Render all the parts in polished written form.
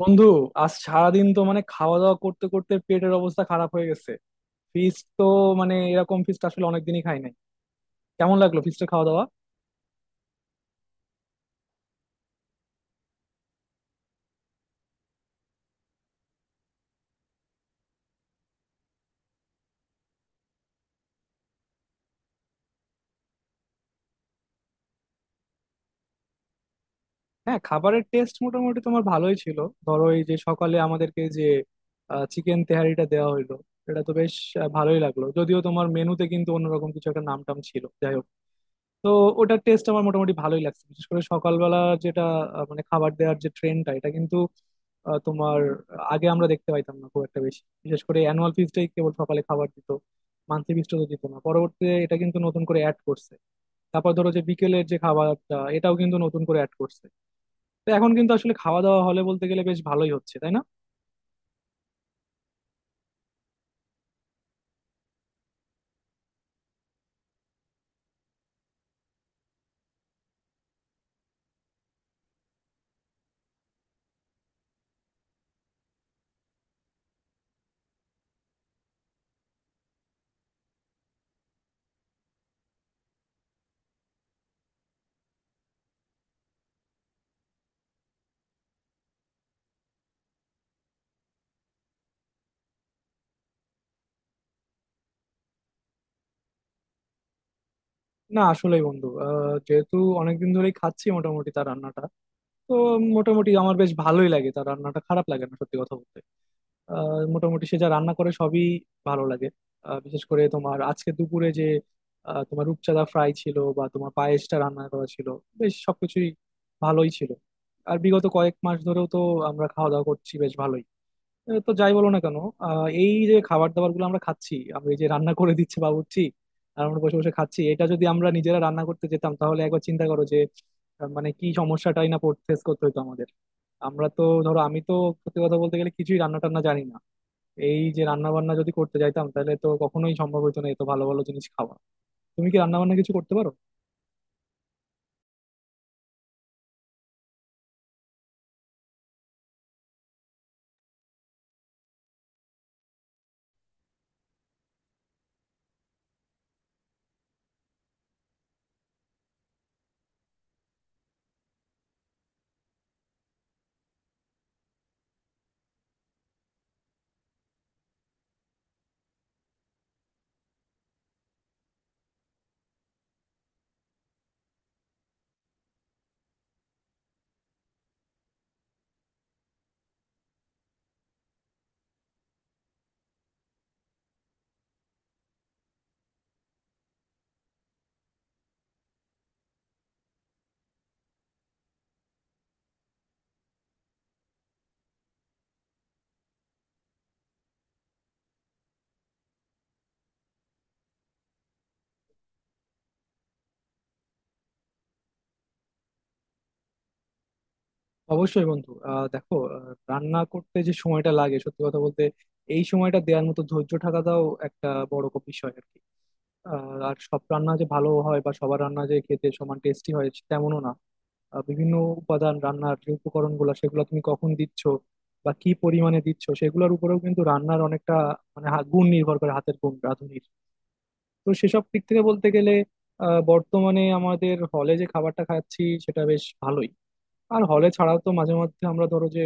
বন্ধু, আজ সারাদিন তো মানে খাওয়া দাওয়া করতে করতে পেটের অবস্থা খারাপ হয়ে গেছে। ফিস্ট তো, মানে এরকম ফিস্ট আসলে অনেকদিনই খাই নাই। কেমন লাগলো ফিস্টের খাওয়া দাওয়া? হ্যাঁ, খাবারের টেস্ট মোটামুটি তোমার ভালোই ছিল। ধরো এই যে সকালে আমাদেরকে যে চিকেন তেহারিটা দেওয়া হইলো, এটা তো বেশ আহ, ভালোই লাগলো, যদিও তোমার মেনুতে কিন্তু অন্যরকম কিছু একটা নাম টাম ছিল, যাই হোক। তো ওটার টেস্ট আমার মোটামুটি ভালোই লাগছে, বিশেষ করে সকালবেলা যেটা। আহ, মানে খাবার দেওয়ার যে ট্রেন্ডটা, এটা কিন্তু আহ, তোমার আগে আমরা দেখতে পাইতাম না খুব একটা বেশি, বিশেষ করে অ্যানুয়াল ফিজটাই কেবল সকালে খাবার দিত। মান্থলি ফিজটা তো দিত না, পরবর্তীতে এটা কিন্তু নতুন করে অ্যাড করছে। তারপর ধরো যে বিকেলের যে খাবারটা, এটাও কিন্তু নতুন করে অ্যাড করছে। তো এখন কিন্তু আসলে খাওয়া দাওয়া হলে বলতে গেলে বেশ ভালোই হচ্ছে, তাই না? না, আসলেই বন্ধু আহ, যেহেতু অনেকদিন ধরেই খাচ্ছি মোটামুটি তার রান্নাটা, তো মোটামুটি আমার বেশ ভালোই লাগে তার রান্নাটা, খারাপ লাগে না সত্যি কথা বলতে। আহ, মোটামুটি সে যা রান্না করে সবই ভালো লাগে। আহ, বিশেষ করে তোমার আজকে দুপুরে যে আহ, তোমার রূপচাঁদা ফ্রাই ছিল বা তোমার পায়েসটা রান্না করা ছিল, বেশ সবকিছুই ভালোই ছিল। আর বিগত কয়েক মাস ধরেও তো আমরা খাওয়া দাওয়া করছি বেশ ভালোই। এ, তো যাই বলো না কেন আহ, এই যে খাবার দাবার গুলো আমরা খাচ্ছি, আমরা এই যে রান্না করে দিচ্ছে বাবুর্চি আর আমরা বসে বসে খাচ্ছি, এটা যদি আমরা নিজেরা রান্না করতে যেতাম তাহলে একবার চিন্তা করো যে আহ, মানে কি সমস্যাটাই না ফেস করতে হতো আমাদের। আমরা তো ধরো, আমি তো সত্যি কথা বলতে গেলে কিছুই রান্না টান্না জানি না। এই যে রান্না বান্না যদি করতে যাইতাম তাহলে তো কখনোই সম্ভব হতো না এত ভালো ভালো জিনিস খাওয়া। তুমি কি রান্না বান্না কিছু করতে পারো? অবশ্যই বন্ধু, আহ দেখো, আহ, রান্না করতে যে সময়টা লাগে সত্যি কথা বলতে, এই সময়টা দেওয়ার মতো ধৈর্য থাকাটাও একটা বড় বিষয় আর কি। আহ, আর সব রান্না যে ভালো হয় বা সবার রান্না যে খেতে সমান টেস্টি হয়, তেমনও না। আহ, বিভিন্ন উপাদান, রান্নার যে উপকরণ গুলা সেগুলো তুমি কখন দিচ্ছ বা কি পরিমাণে দিচ্ছ সেগুলোর উপরেও কিন্তু রান্নার অনেকটা মানে গুণ নির্ভর করে, হাতের গুণ রাঁধুনির। তো সেসব দিক থেকে বলতে গেলে আহ, বর্তমানে আমাদের হলে যে খাবারটা খাচ্ছি সেটা বেশ ভালোই। আর হলে ছাড়াও তো মাঝে মধ্যে আমরা ধরো যে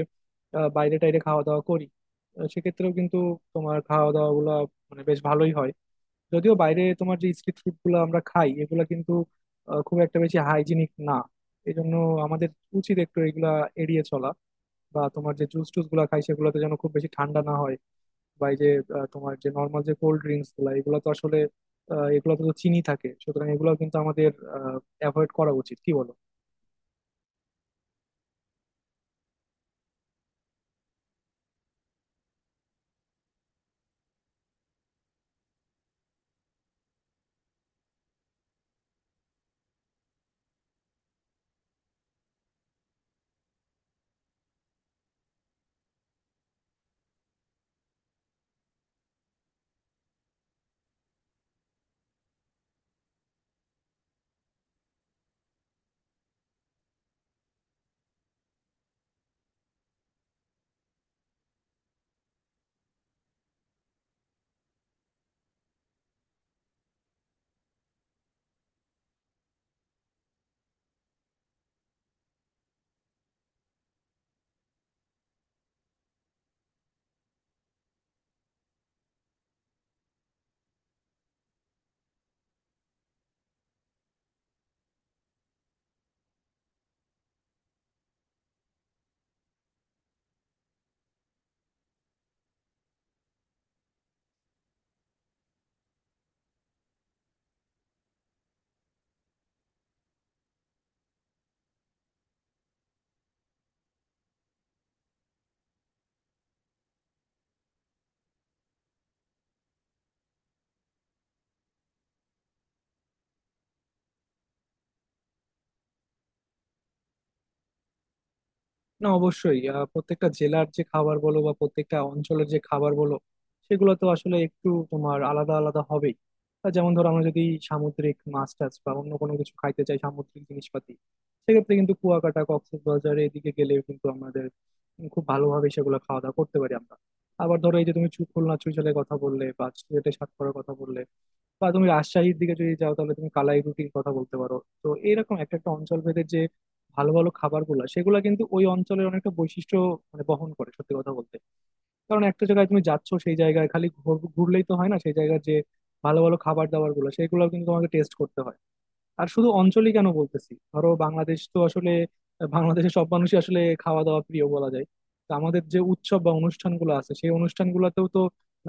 আহ, বাইরে টাইরে খাওয়া দাওয়া করি। আহ, সেক্ষেত্রেও কিন্তু তোমার খাওয়া দাওয়া গুলা মানে বেশ ভালোই হয়। যদিও বাইরে তোমার যে স্ট্রিট ফুড গুলো আমরা খাই, এগুলা কিন্তু আহ, খুব একটা বেশি হাইজিনিক না। এই জন্য আমাদের উচিত একটু এগুলা এড়িয়ে চলা। বা তোমার যে জুস টুস গুলা খাই, সেগুলোতে যেন খুব বেশি ঠান্ডা না হয়। বা এই যে আহ, তোমার যে নর্মাল যে কোল্ড ড্রিঙ্কস গুলা, এগুলো তো আসলে আহ, এগুলোতে তো চিনি থাকে, সুতরাং এগুলো কিন্তু আমাদের অ্যাভয়েড করা উচিত, কি বলো? না, অবশ্যই আহ, প্রত্যেকটা জেলার যে খাবার বলো বা প্রত্যেকটা অঞ্চলের যে খাবার বলো, সেগুলো তো আসলে একটু তোমার আলাদা আলাদা হবেই। আহ, যেমন ধরো আমরা যদি সামুদ্রিক মাছ টাছ বা অন্য কোনো কিছু খাইতে চাই, সামুদ্রিক জিনিসপাতি, সেক্ষেত্রে কিন্তু কুয়াকাটা কক্সবাজার এদিকে গেলে কিন্তু আমাদের খুব ভালোভাবে সেগুলো খাওয়া দাওয়া করতে পারি আমরা। আবার ধরো এই যে তুমি খুলনা চুইঝালের কথা বললে বা সিলেটের সাতকড়ার কথা বললে, বা তুমি রাজশাহীর দিকে যদি যাও তাহলে তুমি কালাই রুটির কথা বলতে পারো। তো এরকম একটা একটা অঞ্চল ভেদে যে ভালো ভালো খাবারগুলো, সেগুলো কিন্তু ওই অঞ্চলের অনেকটা বৈশিষ্ট্য মানে বহন করে সত্যি কথা বলতে। কারণ একটা জায়গায় তুমি যাচ্ছ, সেই জায়গায় খালি ঘুরলেই তো হয় না, সেই জায়গার যে ভালো ভালো খাবার দাবার গুলো সেগুলো কিন্তু তোমাকে টেস্ট করতে হয়। আর শুধু অঞ্চলই কেন বলতেছি, ধরো বাংলাদেশ তো আসলে, বাংলাদেশের সব মানুষই আসলে খাওয়া দাওয়া প্রিয় বলা যায়। তো আমাদের যে উৎসব বা অনুষ্ঠানগুলো আছে, সেই অনুষ্ঠানগুলোতেও তো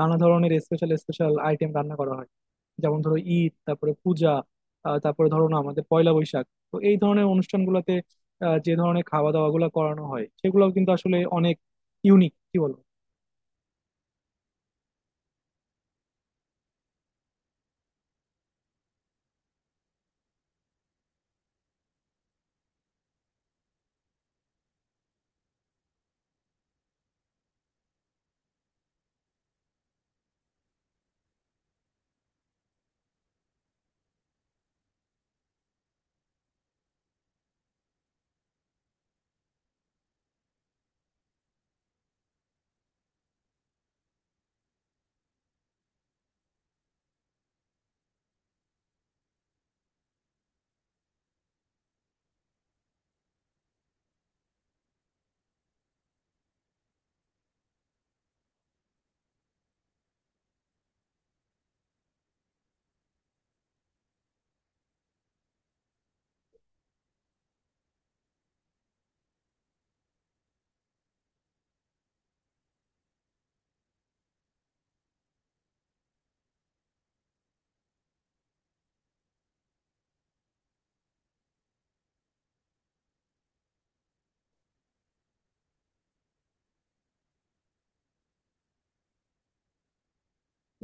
নানা ধরনের স্পেশাল স্পেশাল আইটেম রান্না করা হয়। যেমন ধরো ঈদ, তারপরে পূজা, আহ, তারপরে ধরো না আমাদের পয়লা বৈশাখ। তো এই ধরনের অনুষ্ঠানগুলোতে আহ, যে ধরনের খাওয়া দাওয়া গুলো করানো হয় সেগুলোও কিন্তু আসলে অনেক ইউনিক, কি বলবো।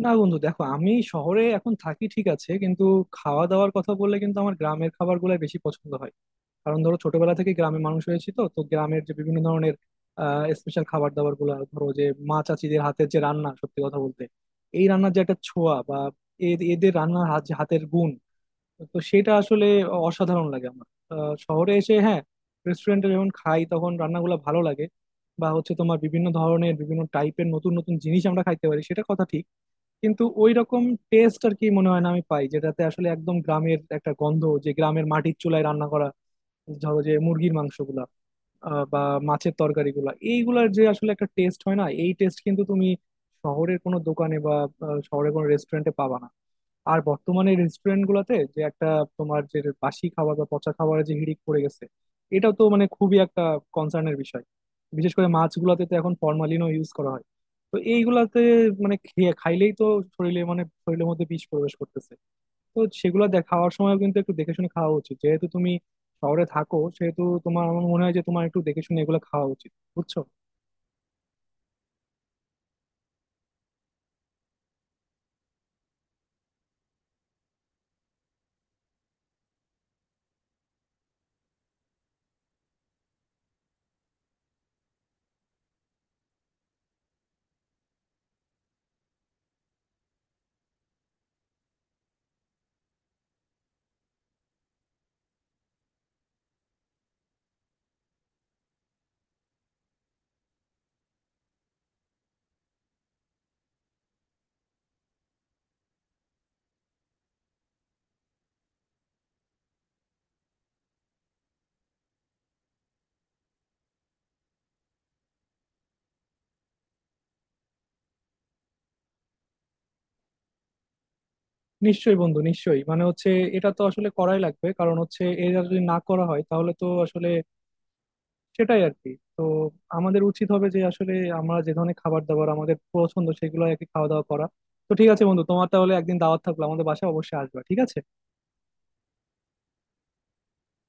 না বন্ধু, দেখো আমি শহরে এখন থাকি ঠিক আছে, কিন্তু খাওয়া দাওয়ার কথা বললে কিন্তু আমার গ্রামের খাবার গুলাই বেশি পছন্দ হয়। কারণ ধরো ছোটবেলা থেকে গ্রামে মানুষ হয়েছি, তো তো গ্রামের যে বিভিন্ন ধরনের স্পেশাল খাবার দাবার গুলো, ধরো যে মা চাচিদের হাতের যে রান্না সত্যি কথা বলতে, এই রান্নার যে একটা ছোঁয়া বা এদের রান্নার যে হাতের গুণ, তো সেটা আসলে অসাধারণ লাগে আমার। আহ, শহরে এসে হ্যাঁ, রেস্টুরেন্টে যখন খাই তখন রান্নাগুলো ভালো লাগে। বা হচ্ছে তোমার বিভিন্ন ধরনের বিভিন্ন টাইপের নতুন নতুন জিনিস আমরা খাইতে পারি, সেটা কথা ঠিক। কিন্তু ওই রকম টেস্ট আর কি মনে হয় না আমি পাই, যেটাতে আসলে একদম গ্রামের একটা গন্ধ, যে গ্রামের মাটির চুলায় রান্না করা, ধরো যে মুরগির মাংসগুলা আহ, বা মাছের তরকারিগুলা, এইগুলার যে আসলে একটা টেস্ট হয় না, এই টেস্ট কিন্তু তুমি শহরের কোনো দোকানে বা আহ, শহরের কোনো রেস্টুরেন্টে পাবা না। আর বর্তমানে রেস্টুরেন্ট গুলাতে যে একটা তোমার যে বাসি খাবার বা পচা খাবারের যে হিড়িক পড়ে গেছে, এটাও তো মানে খুবই একটা কনসার্নের বিষয়। বিশেষ করে মাছগুলাতে তো এখন ফরমালিনও ইউজ করা হয়। তো এইগুলাতে মানে খেয়ে খাইলেই তো শরীরে মানে শরীরের মধ্যে বিষ প্রবেশ করতেছে। তো সেগুলো দেখ খাওয়ার সময় কিন্তু একটু দেখে শুনে খাওয়া উচিত। যেহেতু তুমি শহরে থাকো, সেহেতু তোমার, আমার মনে হয় যে তোমার একটু দেখে শুনে এগুলো খাওয়া উচিত, বুঝছো? নিশ্চয়ই বন্ধু, নিশ্চয়ই, মানে হচ্ছে এটা তো আসলে করাই লাগবে, কারণ হচ্ছে এটা যদি না করা হয় তাহলে তো আসলে, সেটাই আর কি। তো আমাদের উচিত হবে যে আসলে আমরা যে ধরনের খাবার দাবার আমাদের পছন্দ সেগুলো আর কি খাওয়া দাওয়া করা। তো ঠিক আছে বন্ধু, তোমার তাহলে একদিন দাওয়াত থাকলো, আমাদের বাসায় অবশ্যই আসবে, ঠিক আছে?